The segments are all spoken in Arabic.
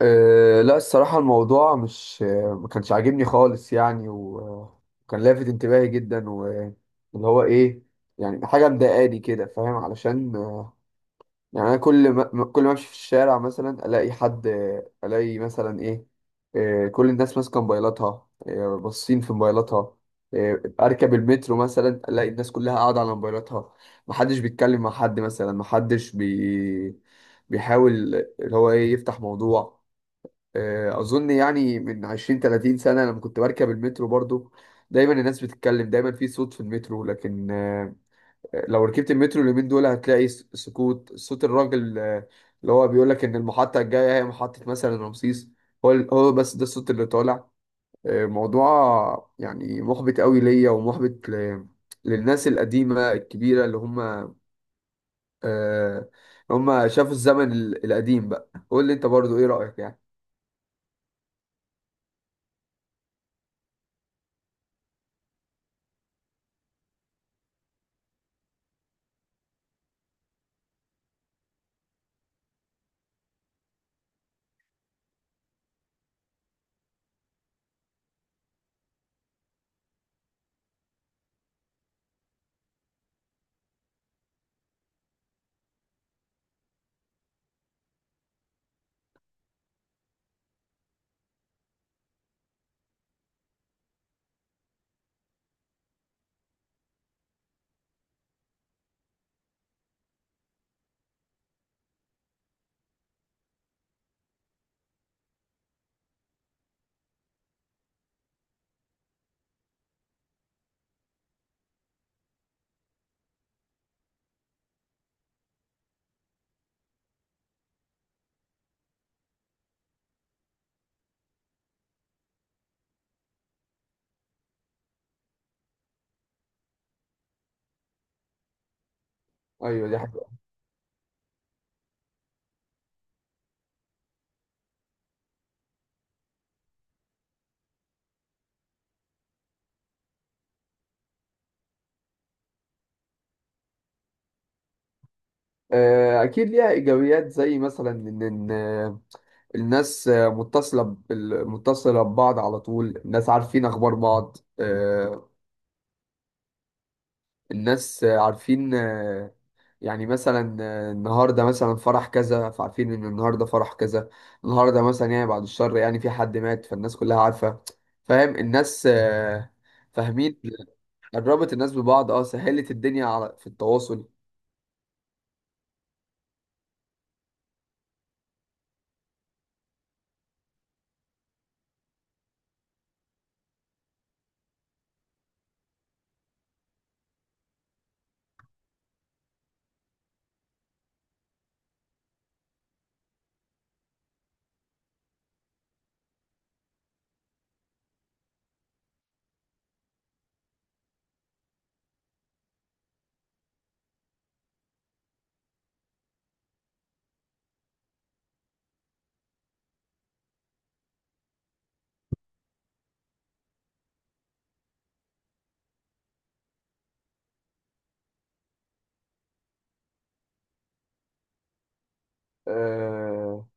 أه لا، الصراحة الموضوع مش ما كانش عاجبني خالص يعني وكان لافت انتباهي جدا، واللي هو ايه؟ يعني حاجة مضايقاني كده، فاهم؟ علشان يعني انا كل ما كل ما امشي في الشارع مثلا الاقي حد، الاقي مثلا ايه؟ كل الناس ماسكة موبايلاتها، باصين في موبايلاتها. اركب المترو مثلا الاقي الناس كلها قاعدة على موبايلاتها، محدش بيتكلم مع حد. مثلا محدش بيحاول اللي هو ايه، يفتح موضوع. اظن يعني من 20 30 سنه، لما كنت بركب المترو برضو دايما الناس بتتكلم، دايما في صوت في المترو. لكن لو ركبت المترو اليومين دول هتلاقي سكوت. صوت الراجل اللي هو بيقول لك ان المحطه الجايه هي محطه مثلا رمسيس، هو هو بس ده الصوت اللي طالع. موضوع يعني محبط قوي ليا، ومحبط للناس القديمه الكبيره، اللي هم آه، هم شافوا الزمن القديم. بقى قول لي انت برضو، ايه رايك يعني؟ ايوه دي. أكيد ليها إيجابيات، زي مثلا إن إن الناس متصلة متصلة ببعض على طول، الناس عارفين أخبار بعض. الناس عارفين. يعني مثلا النهاردة مثلا فرح كذا، فعارفين إن النهاردة فرح كذا. النهاردة مثلا يعني بعد الشر يعني في حد مات، فالناس كلها عارفة. فاهم؟ الناس فاهمين. قربت الناس ببعض، اه سهلت الدنيا على في التواصل. آه،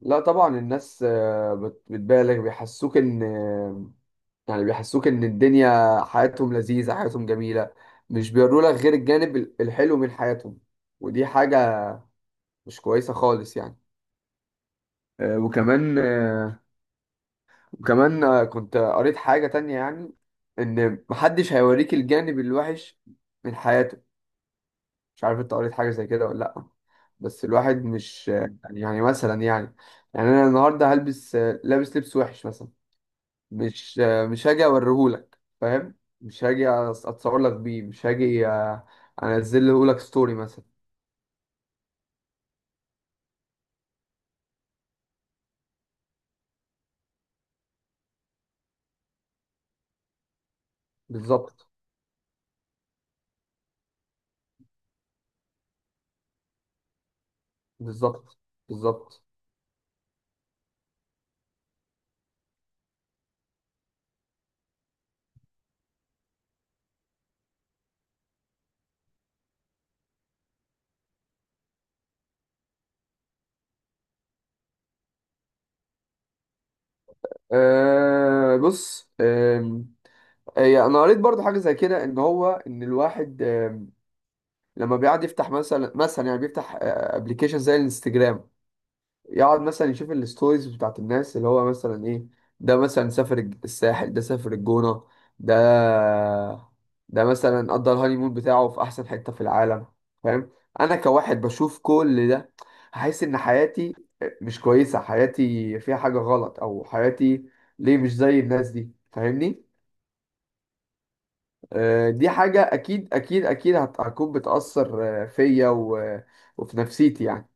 لا طبعا الناس بتبالغ. بيحسوك ان يعني بيحسوك ان الدنيا حياتهم لذيذة، حياتهم جميلة، مش بيوروا لك غير الجانب الحلو من حياتهم. ودي حاجة مش كويسة خالص يعني. آه، وكمان آه، وكمان كنت قريت حاجة تانية يعني، ان محدش هيوريك الجانب الوحش من حياته. مش عارف انت قريت حاجة زي كده ولا لأ؟ بس الواحد مش يعني يعني مثلا يعني انا النهارده هلبس لابس لبس وحش مثلا، مش مش هاجي اوريهولك، فاهم؟ مش هاجي اتصور لك بيه، مش هاجي انزله لك ستوري مثلا. بالظبط. بالظبط. بالظبط. أه بص، هي انا قريت برضو حاجه زي كده، ان هو ان الواحد لما بيقعد يفتح مثلا يعني بيفتح ابلكيشن زي الانستجرام، يقعد مثلا يشوف الستوريز بتاعت الناس، اللي هو مثلا ايه؟ ده مثلا سافر الساحل، ده سافر الجونة، ده ده مثلا قضى الهانيمون بتاعه في احسن حتة في العالم. فاهم؟ انا كواحد بشوف كل ده، هحس ان حياتي مش كويسة، حياتي فيها حاجة غلط، او حياتي ليه مش زي الناس دي؟ فاهمني؟ دي حاجة اكيد اكيد اكيد هتكون بتأثر فيا وفي نفسيتي يعني.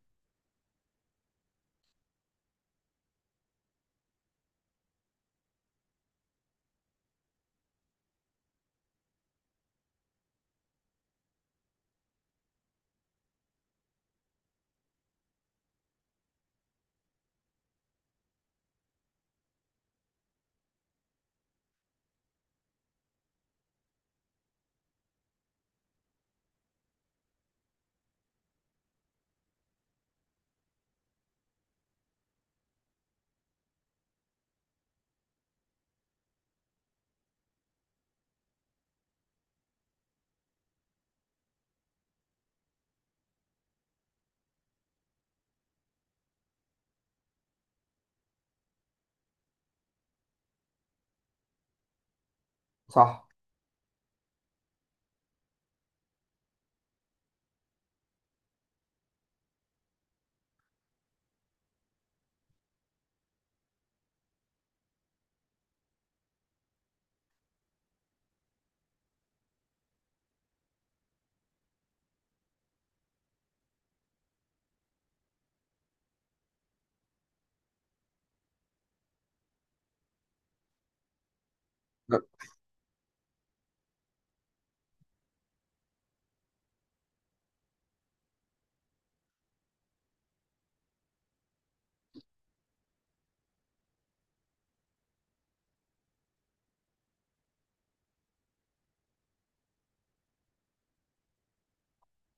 صح؟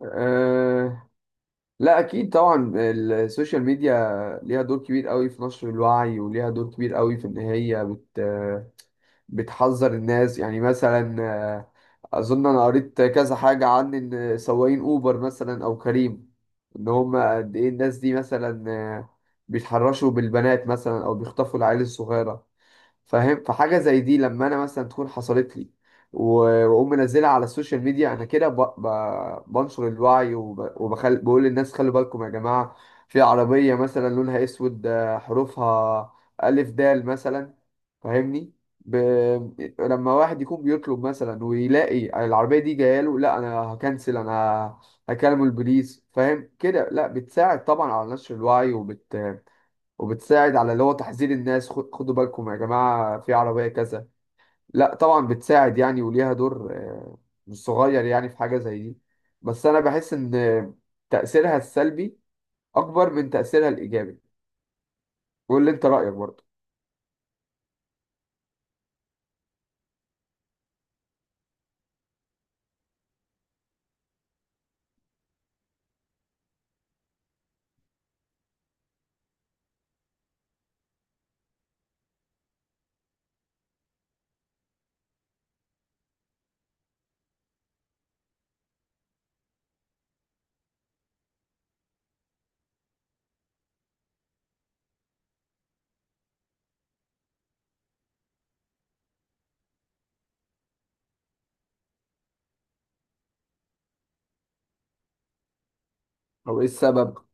أه لا اكيد طبعا السوشيال ميديا ليها دور كبير قوي في نشر الوعي، وليها دور كبير قوي في ان هي بتحذر الناس. يعني مثلا آه، اظن انا قريت كذا حاجة عن ان سواقين اوبر مثلا او كريم، ان هم قد ايه الناس دي مثلا بيتحرشوا بالبنات مثلا او بيخطفوا العيال الصغيرة. فاهم؟ فحاجه زي دي لما انا مثلا تكون حصلت لي واقوم منزلها على السوشيال ميديا، انا كده بنشر الوعي، بقول للناس خلوا بالكم يا جماعه، في عربيه مثلا لونها اسود، حروفها الف دال مثلا، فاهمني؟ ب... لما واحد يكون بيطلب مثلا ويلاقي العربيه دي جايه له، لا انا هكنسل، انا هكلم البوليس. فاهم كده؟ لا، بتساعد طبعا على نشر الوعي، وبتساعد على اللي هو تحذير الناس. خدوا بالكم يا جماعة، في عربية كذا. لا طبعا بتساعد يعني، وليها دور مش صغير يعني في حاجة زي دي. بس أنا بحس إن تأثيرها السلبي أكبر من تأثيرها الإيجابي. قول لي أنت رأيك برضه، أو إيه السبب؟